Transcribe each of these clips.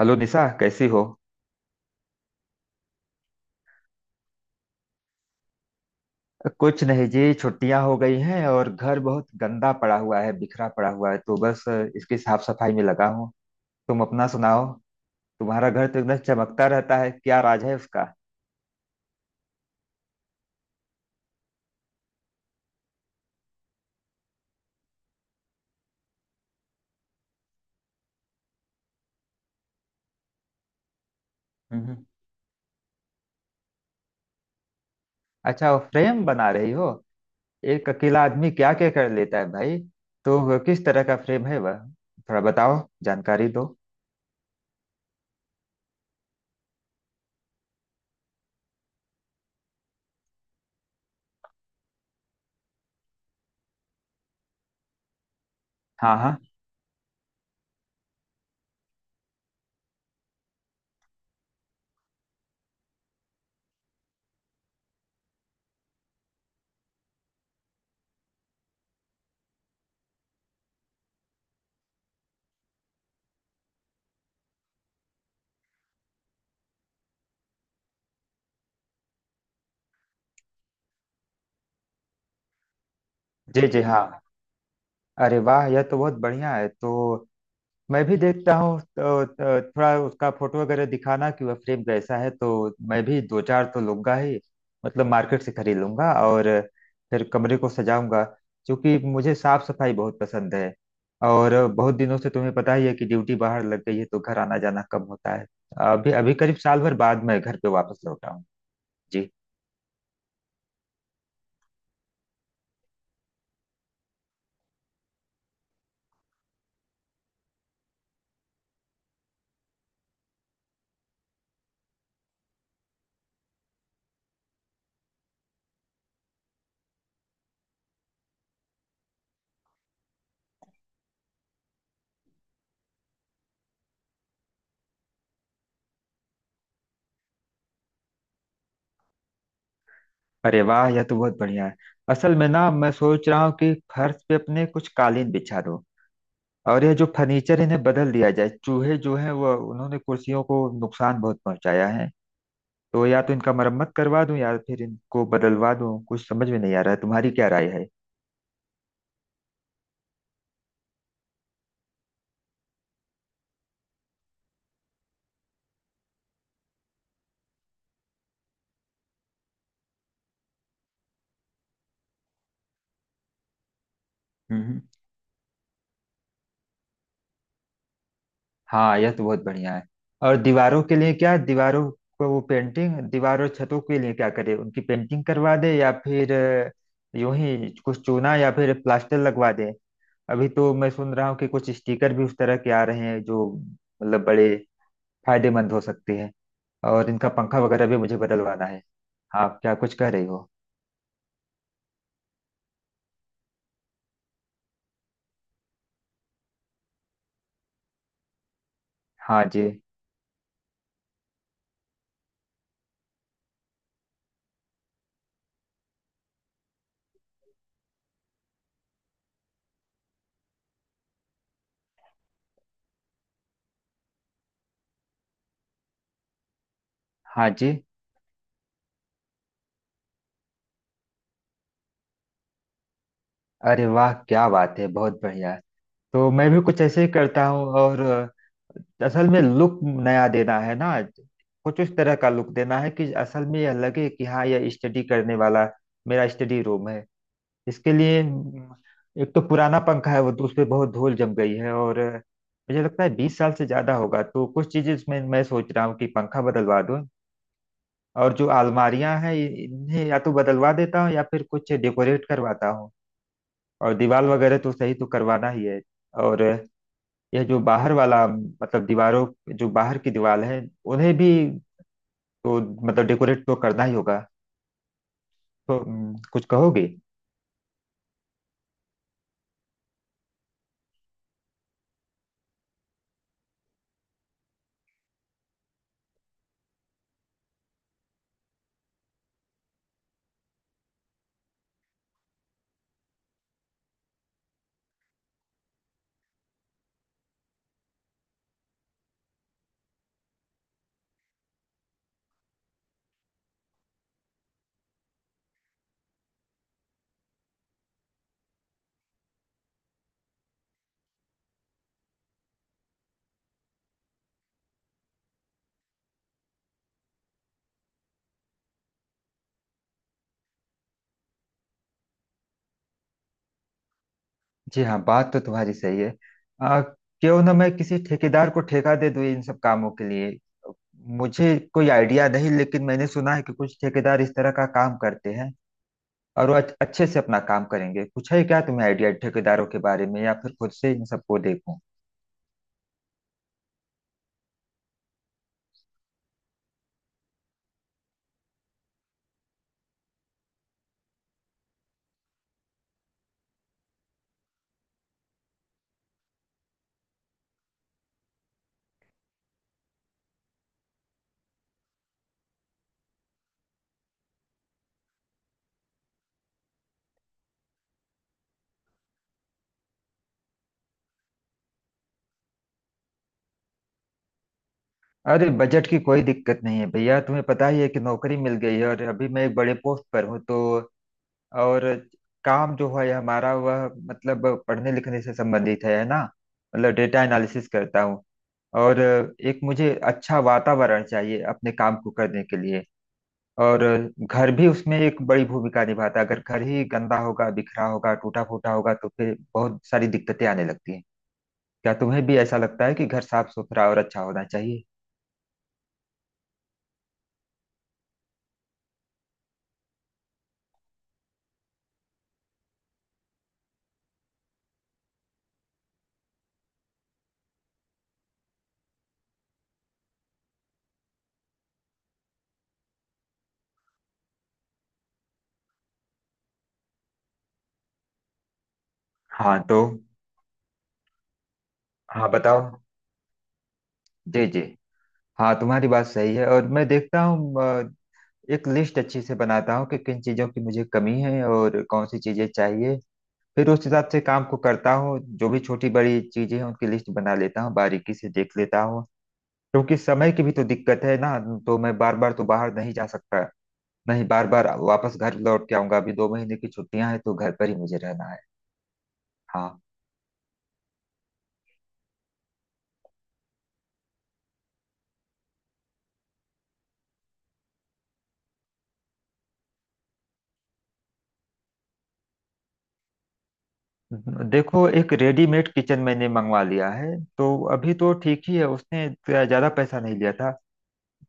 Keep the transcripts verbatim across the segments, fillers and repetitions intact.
Hello Nisha कैसी हो। कुछ नहीं जी, छुट्टियां हो गई हैं और घर बहुत गंदा पड़ा हुआ है, बिखरा पड़ा हुआ है, तो बस अ, इसकी साफ सफाई में लगा हूँ। तुम अपना सुनाओ। तुम्हारा घर तो एकदम चमकता रहता है, क्या राज है उसका। हम्म। अच्छा, वो फ्रेम बना रही हो। एक अकेला आदमी क्या क्या कर लेता है भाई। तो वो किस तरह का फ्रेम है वह, थोड़ा बताओ, जानकारी दो। हाँ हाँ। जी जी हाँ। अरे वाह, यह तो बहुत बढ़िया है। तो मैं भी देखता हूँ तो, तो थोड़ा उसका फोटो वगैरह दिखाना कि वह फ्रेम कैसा है। तो मैं भी दो चार तो लूंगा ही, मतलब मार्केट से खरीद लूंगा और फिर कमरे को सजाऊंगा, क्योंकि मुझे साफ सफाई बहुत पसंद है। और बहुत दिनों से तुम्हें पता ही है कि ड्यूटी बाहर लग गई है तो घर आना जाना कम होता है। अभी अभी करीब साल भर बाद मैं घर पे वापस लौटा हूँ। जी। अरे वाह, यह तो बहुत बढ़िया है। असल में ना, मैं सोच रहा हूँ कि फर्श पे अपने कुछ कालीन बिछा दूं, और यह जो फर्नीचर इन्हें बदल दिया जाए। चूहे जो हैं वह, उन्होंने कुर्सियों को नुकसान बहुत पहुंचाया है। तो या तो इनका मरम्मत करवा दूं, या फिर इनको बदलवा दूं, कुछ समझ में नहीं आ रहा है। तुम्हारी क्या राय है। हम्म। हाँ, यह तो बहुत बढ़िया है। और दीवारों के लिए क्या, दीवारों को वो पेंटिंग, दीवारों छतों के लिए क्या करे, उनकी पेंटिंग करवा दे या फिर अ, यूं ही कुछ चूना या फिर प्लास्टर लगवा दे। अभी तो मैं सुन रहा हूँ कि कुछ स्टिकर भी उस तरह के आ रहे हैं जो मतलब बड़े फायदेमंद हो सकते हैं। और इनका पंखा वगैरह भी मुझे बदलवाना है। आप क्या कुछ कह रही हो। हाँ जी। हाँ जी। अरे वाह, क्या बात है, बहुत बढ़िया। तो मैं भी कुछ ऐसे ही करता हूँ। और अ, असल में लुक नया देना है ना, कुछ उस तरह का लुक देना है कि असल में यह लगे कि हाँ, यह स्टडी करने वाला मेरा स्टडी रूम है। इसके लिए म, एक तो पुराना पंखा है, वो तो उस पे बहुत धूल जम गई है और अ, मुझे लगता है बीस साल से ज्यादा होगा। तो कुछ चीजें उसमें मैं सोच रहा हूँ कि पंखा बदलवा दूं, और जो अलमारियां हैं इन्हें या तो बदलवा देता हूँ या फिर कुछ डेकोरेट करवाता हूँ। और दीवार वगैरह तो सही तो करवाना ही है। और यह जो बाहर वाला, मतलब दीवारों, जो बाहर की दीवार है, उन्हें भी तो मतलब डेकोरेट तो करना ही होगा। तो हम्म, कुछ कहोगे। जी हाँ, बात तो तुम्हारी सही है। आ, क्यों ना मैं किसी ठेकेदार को ठेका दे दूं इन सब कामों के लिए। मुझे कोई आइडिया नहीं, लेकिन मैंने सुना है कि कुछ ठेकेदार इस तरह का काम करते हैं और वो अच्छ- अच्छे से अपना काम करेंगे। कुछ है क्या तुम्हें आइडिया ठेकेदारों के बारे में, या फिर खुद से इन सबको देखूं। अरे, बजट की कोई दिक्कत नहीं है भैया। तुम्हें पता ही है कि नौकरी मिल गई है और अभी मैं एक बड़े पोस्ट पर हूँ। तो और काम जो है हमारा वह मतलब पढ़ने लिखने से संबंधित है है ना। मतलब डेटा एनालिसिस करता हूँ। और एक मुझे अच्छा वातावरण चाहिए अपने काम को करने के लिए। और घर भी उसमें एक बड़ी भूमिका निभाता है। अगर घर ही गंदा होगा, बिखरा होगा, टूटा फूटा होगा, तो फिर बहुत सारी दिक्कतें आने लगती हैं। क्या तुम्हें भी ऐसा लगता है कि घर साफ सुथरा और अच्छा होना चाहिए। हाँ तो। हाँ बताओ। जी जी। हाँ तुम्हारी बात सही है। और मैं देखता हूँ, अ, एक लिस्ट अच्छी से बनाता हूँ कि किन चीज़ों की मुझे कमी है और कौन सी चीज़ें चाहिए। फिर उस हिसाब से काम को करता हूँ। जो भी छोटी बड़ी चीज़ें हैं उनकी लिस्ट बना लेता हूँ, बारीकी से देख लेता हूँ। क्योंकि समय की भी तो दिक्कत है ना। तो मैं बार बार तो बाहर नहीं जा सकता, नहीं बार बार वापस घर लौट के आऊंगा। अभी दो महीने की छुट्टियां हैं तो घर पर ही मुझे रहना है। हाँ। देखो, एक रेडीमेड किचन मैंने मंगवा लिया है, तो अभी तो ठीक ही है। उसने ज्यादा पैसा नहीं लिया था,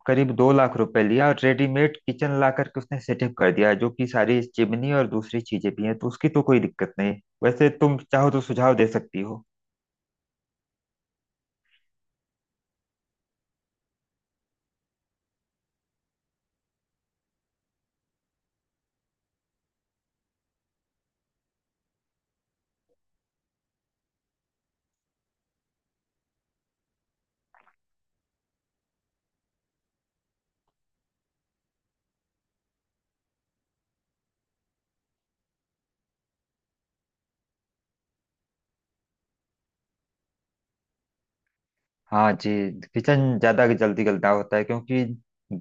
करीब दो लाख रुपए लिया, और रेडीमेड किचन ला करके उसने सेटअप कर दिया है, जो कि सारी चिमनी और दूसरी चीजें भी हैं, तो उसकी तो कोई दिक्कत नहीं। वैसे तुम चाहो तो सुझाव दे सकती हो। हाँ जी। किचन ज्यादा जल्दी गलता होता है क्योंकि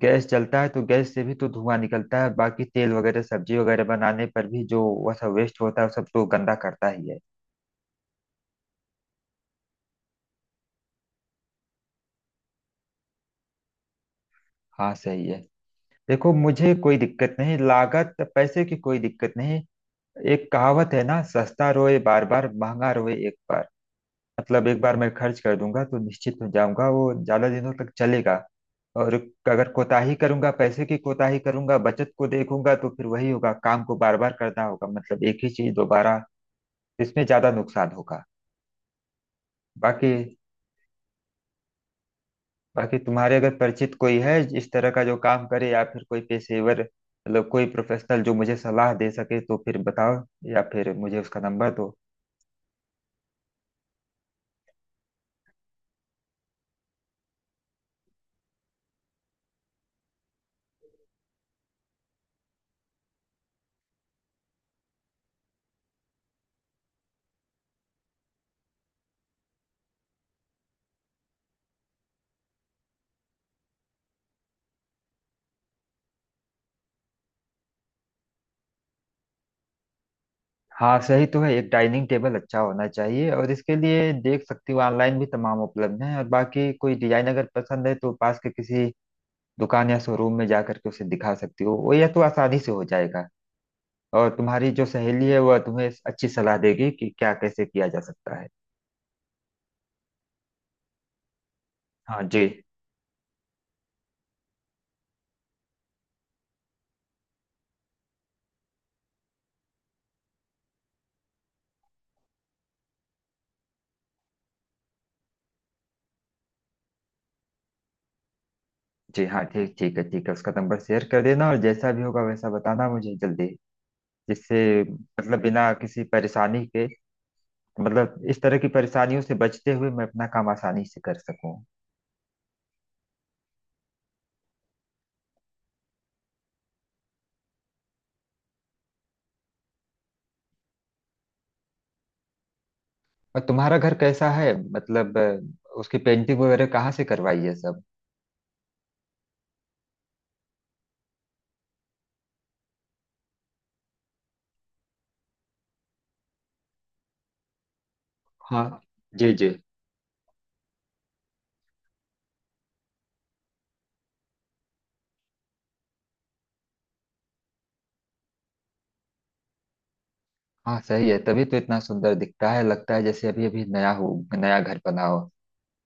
गैस जलता है तो गैस से भी तो धुआं निकलता है, बाकी तेल वगैरह सब्जी वगैरह बनाने पर भी जो वह सब वेस्ट होता है वो सब तो गंदा करता ही है। हाँ सही है। देखो, मुझे कोई दिक्कत नहीं, लागत पैसे की कोई दिक्कत नहीं। एक कहावत है ना, सस्ता रोए बार बार, महंगा रोए एक बार। मतलब एक बार मैं खर्च कर दूंगा तो निश्चित हो जाऊंगा, वो ज्यादा दिनों तक चलेगा। और अगर कोताही करूंगा, पैसे की कोताही करूंगा, बचत को देखूंगा, तो फिर वही होगा, काम को बार बार करना होगा, मतलब एक ही चीज दोबारा। इसमें ज्यादा नुकसान होगा। बाकी, बाकी तुम्हारे अगर परिचित कोई है इस तरह का जो काम करे, या फिर कोई पेशेवर, मतलब कोई प्रोफेशनल जो मुझे सलाह दे सके, तो फिर बताओ, या फिर मुझे उसका नंबर दो। हाँ सही तो है, एक डाइनिंग टेबल अच्छा होना चाहिए। और इसके लिए देख सकती हो, ऑनलाइन भी तमाम उपलब्ध हैं, और बाकी कोई डिजाइन अगर पसंद है तो पास के किसी दुकान या शोरूम में जा करके उसे दिखा सकती हो, वो यह तो आसानी से हो जाएगा। और तुम्हारी जो सहेली है वह तुम्हें अच्छी सलाह देगी कि क्या कैसे किया जा सकता है। हाँ जी। जी हाँ ठीक, ठीक है, ठीक है, उसका नंबर शेयर कर देना और जैसा भी होगा वैसा बताना मुझे जल्दी, जिससे मतलब बिना किसी परेशानी के, मतलब इस तरह की परेशानियों से बचते हुए मैं अपना काम आसानी से कर सकूं। और तुम्हारा घर कैसा है, मतलब अ, उसकी पेंटिंग वगैरह कहाँ से करवाई है सब। हाँ। जी जी। हाँ सही है, तभी तो इतना सुंदर दिखता है, लगता है जैसे अभी अभी नया हो, नया घर बना हो।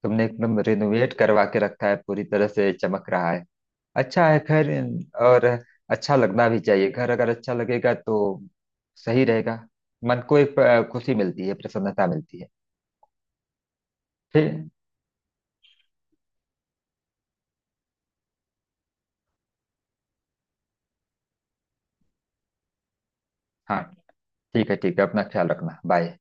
तुमने एकदम रिनोवेट करवा के रखा है, पूरी तरह से चमक रहा है। अच्छा है, खैर। और अच्छा लगना भी चाहिए, घर अगर अच्छा लगेगा तो सही रहेगा। मन को एक अ, खुशी मिलती है, प्रसन्नता मिलती है। ठीक। हाँ ठीक है, ठीक है, अपना ख्याल रखना, बाय।